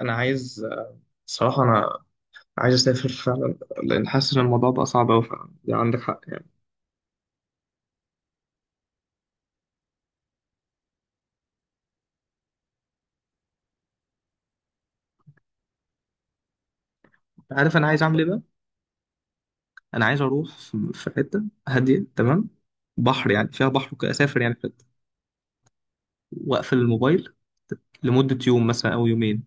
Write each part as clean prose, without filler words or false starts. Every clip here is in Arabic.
انا عايز صراحه، انا عايز اسافر فعلا، لان حاسس ان الموضوع بقى صعب قوي فعلا. يعني عندك حق يعني. عارف انا عايز اعمل ايه بقى؟ انا عايز اروح في حته هاديه، تمام، بحر، يعني فيها بحر وكده. اسافر يعني في حته، واقفل الموبايل لمده يوم مثلا او يومين،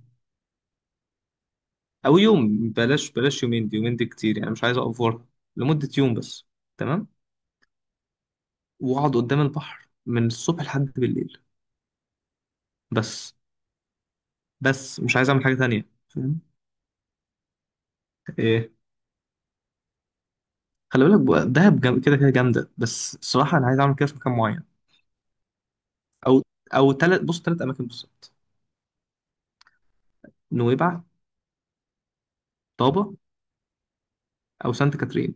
او يوم. بلاش بلاش يومين، دي يومين دي كتير يعني، مش عايز اوفر. لمده يوم بس. تمام. واقعد قدام البحر من الصبح لحد بالليل بس. بس مش عايز اعمل حاجه تانية. فاهم. خلي بالك بقى، دهب كده كده جامده، بس الصراحه انا عايز اعمل كده في مكان معين. او او ثلاث، بص، ثلاث اماكن بالظبط: نويبع، طابه، او سانت كاترين.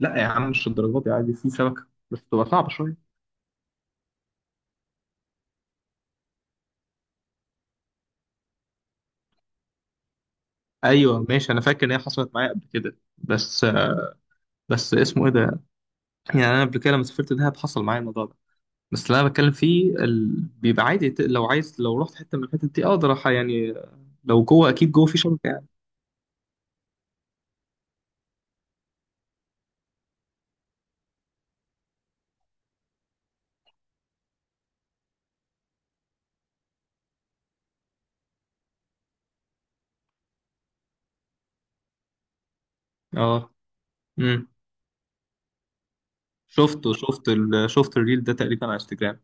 لا يا عم، مش الدرجات دي، عادي في سمكه بس تبقى صعبه شويه. ايوه ماشي، انا فاكر ان هي حصلت معايا قبل كده، بس اسمه ايه ده. يعني انا قبل كده لما سافرت دهب حصل معايا الموضوع ده. بس اللي انا بتكلم فيه بيبقى عادي. لو عايز، لو رحت حته من الحتت دي اقدر يعني لو جوه اكيد جوه في شبكه يعني. اه. امم. شفت الريل ده تقريبا على انستجرام.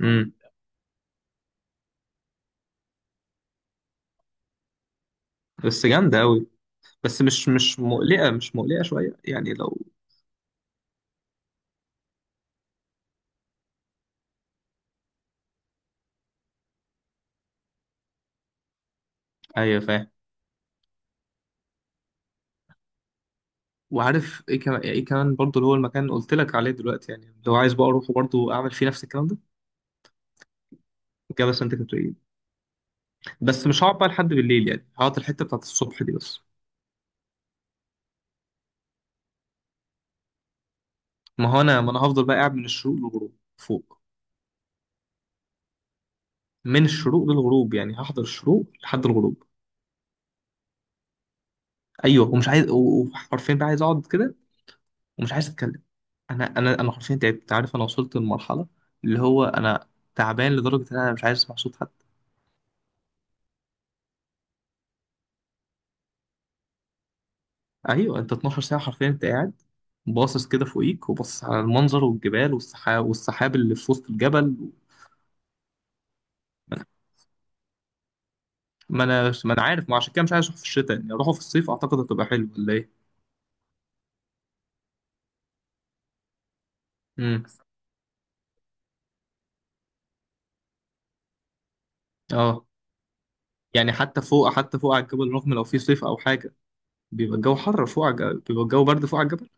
امم. بس جامدة أوي. بس مش مقلقة، مش مقلقة شوية يعني، لو... أيوة فاهم. وعارف إيه كمان برضه اللي هو المكان اللي قلت لك عليه دلوقتي، يعني لو عايز بقى أروح وبرضه أعمل فيه نفس الكلام ده كده. بس أنت كنت إيه؟ بس مش هقعد بقى لحد بالليل، يعني هقعد الحتة بتاعت الصبح دي بس. ما أنا هفضل بقى قاعد من الشروق للغروب فوق. من الشروق للغروب، يعني هحضر الشروق لحد الغروب. أيوه ومش عايز، وحرفيا بقى عايز أقعد كده، ومش عايز اتكلم. انا حرفيا تعبت. عارف، انا وصلت لمرحله اللي هو انا تعبان لدرجه ان انا مش عايز اسمع صوت حد. ايوه، انت 12 ساعه حرفيا انت قاعد باصص كده فوقيك، وباصص على المنظر والجبال والسحاب، والسحاب اللي في وسط الجبل. ما انا عارف، ما عشان كده مش عايز اروح في الشتاء، يعني اروحه في الصيف، اعتقد هتبقى حلوه، ولا ايه؟ امم. اه، يعني حتى فوق على الجبل رغم لو في صيف او حاجه بيبقى الجو حر فوق على الجبل. بيبقى الجو برد فوق على الجبل.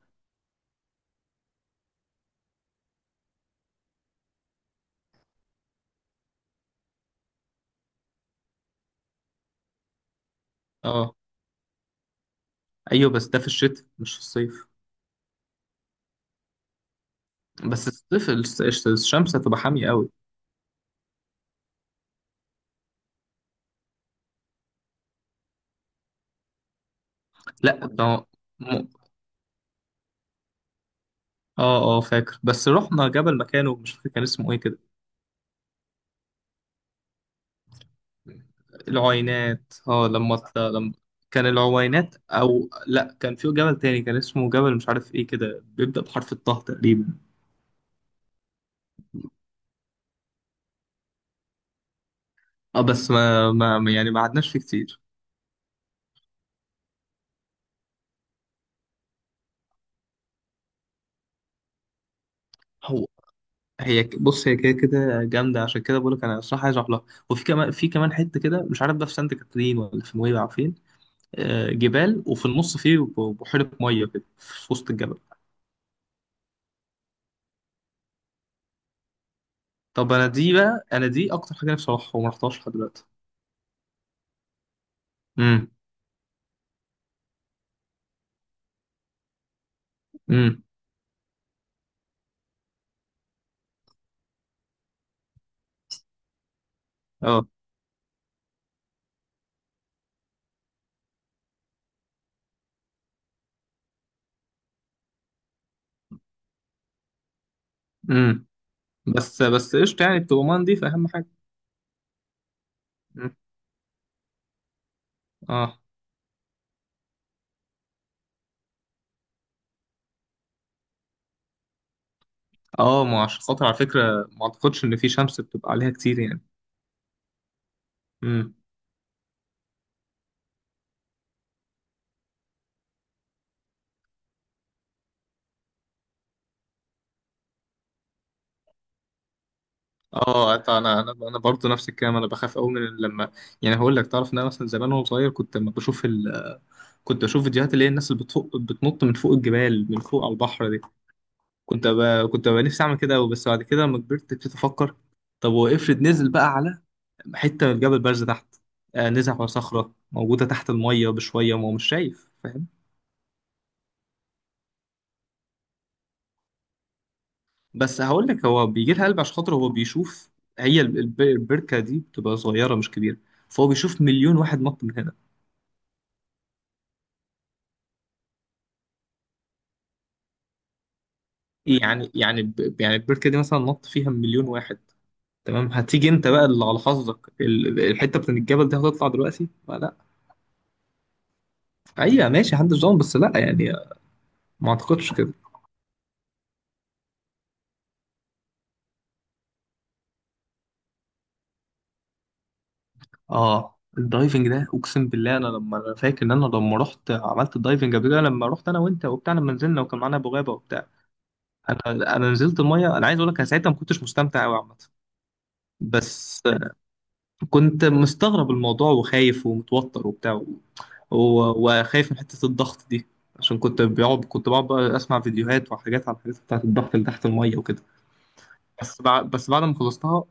اه. ايوه، بس ده في الشتاء مش في الصيف. بس الصيف الشمس هتبقى حامية قوي. لا، م- اه اه فاكر، بس رحنا جبل مكانه مش فاكر كان اسمه ايه كده. العوينات. اه لما كان العوينات، او لا، كان في جبل تاني كان اسمه جبل مش عارف ايه كده، بيبدأ بحرف الطه تقريبا. اه، بس ما يعني ما قعدناش فيه كتير. هو بص، هي كده كده جامده، عشان كده بقول لك انا الصراحه عايز اروح لها. وفي كمان في كمان حته كده مش عارف ده في سانت كاترين ولا في نويبع فين. آه، جبال وفي النص فيه بحيرة مية كده في وسط الجبل. طب، أنا دي أكتر حاجة نفسي أروحها وما رحتهاش لحد دلوقتي. امم. امم. اه. امم. بس قشطة، يعني بتبقى مندي أهم حاجة. مم. اه. اه، ما عشان خاطر على فكرة ما أعتقدش إن في شمس بتبقى عليها كتير يعني. امم. اه، انا برضه نفس الكلام. انا بخاف قوي من لما... يعني هقول لك، تعرف ان انا مثلا زمان وانا صغير كنت بشوف فيديوهات اللي هي الناس اللي بتفوق بتنط من فوق الجبال من فوق على البحر دي. كنت أبقى نفسي أعمل كده أوي، بس بعد كده لما كبرت ابتديت أفكر: طب وافرض نزل بقى على حتة من الجبل بارزة تحت. آه، نزل على صخرة موجودة تحت المية بشوية وهو مش شايف. فاهم. بس هقول لك، هو بيجي لها قلب عشان خاطر هو بيشوف. هي البركة دي بتبقى صغيرة مش كبيرة، فهو بيشوف مليون واحد نط من هنا. يعني البركة دي مثلا نط فيها مليون واحد، تمام، هتيجي انت بقى اللي على حظك الحتة بتاعت الجبل دي هتطلع دلوقتي؟ لا. هي ماشي محدش ضامن، بس لا يعني، ما اعتقدش كده. اه، الدايفنج ده اقسم بالله. انا فاكر ان انا لما رحت عملت الدايفنج قبل كده، لما رحت انا وانت وبتاع، لما نزلنا وكان معانا ابو غابه وبتاع، انا نزلت الميه. انا عايز اقول لك انا ساعتها ما كنتش مستمتع قوي عامه. بس كنت مستغرب الموضوع وخايف ومتوتر وبتاع و... وخايف من حته الضغط دي. عشان كنت بقعد بقى اسمع فيديوهات وحاجات عن الحاجات بتاعت الضغط اللي تحت الميه وكده. بس بعد ما خلصتها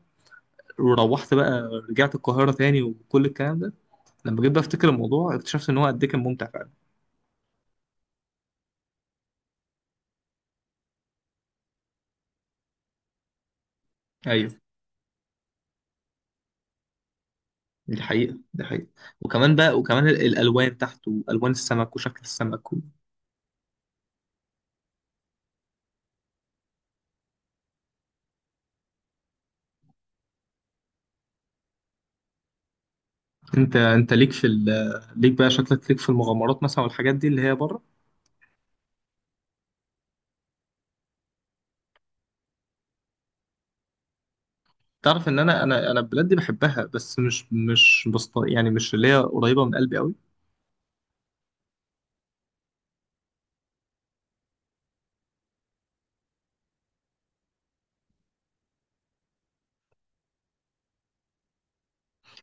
وروحت بقى، رجعت القاهره تاني، وكل الكلام ده لما جيت بقى افتكر الموضوع اكتشفت ان هو قد ايه كان ممتع فعلا. ايوه، دي حقيقة، دي حقيقة. وكمان بقى، وكمان الالوان تحته، الوان السمك وشكل السمك و... انت انت ليك في ال... ليك بقى شكلك ليك في المغامرات مثلا والحاجات دي اللي هي بره. تعرف ان انا البلاد دي بحبها، بس مش مش بسط... يعني مش اللي هي قريبة من قلبي قوي.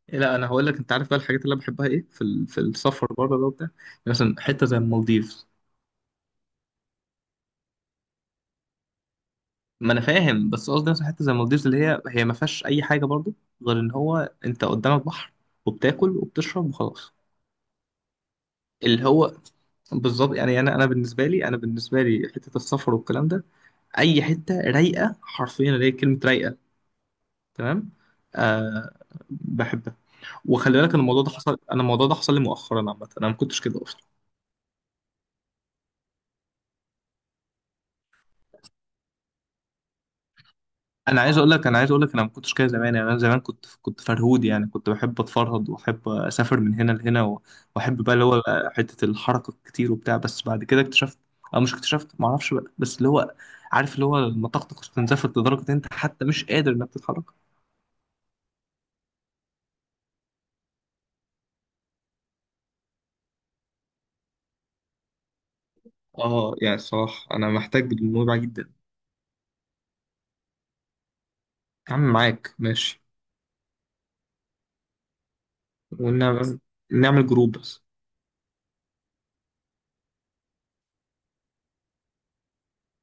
لا انا هقول لك، انت عارف بقى الحاجات اللي انا بحبها ايه في السفر بره ده وبتاع؟ يعني مثلا حتة زي المالديف. ما انا فاهم، بس قصدي مثلا حته زي المالديفز اللي هي ما فيهاش اي حاجه برضو، غير ان هو انت قدامك بحر وبتاكل وبتشرب وخلاص. اللي هو بالظبط يعني، انا بالنسبه لي حته السفر والكلام ده اي حته رايقه حرفيا، اللي هي كلمه رايقه، تمام. آه، بحبها. وخلي بالك ان الموضوع ده حصل انا الموضوع ده حصل لي مؤخرا عامه، انا ما كنتش كده. انا عايز اقول لك انا ما كنتش كده زمان. يعني انا زمان كنت فرهود يعني، كنت بحب اتفرهد واحب اسافر من هنا لهنا واحب بقى اللي هو حته الحركه الكتير وبتاع. بس بعد كده اكتشفت، او مش اكتشفت ما اعرفش بقى، بس اللي هو عارف اللي هو لما طاقتك استنزفت لدرجه ان انت حتى مش قادر انك تتحرك. اه يعني الصراحه انا محتاج الموضوع جدا. يا عم معاك ماشي. ونعمل نعمل جروب بس.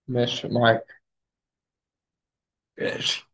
ماشي معاك. ماشي.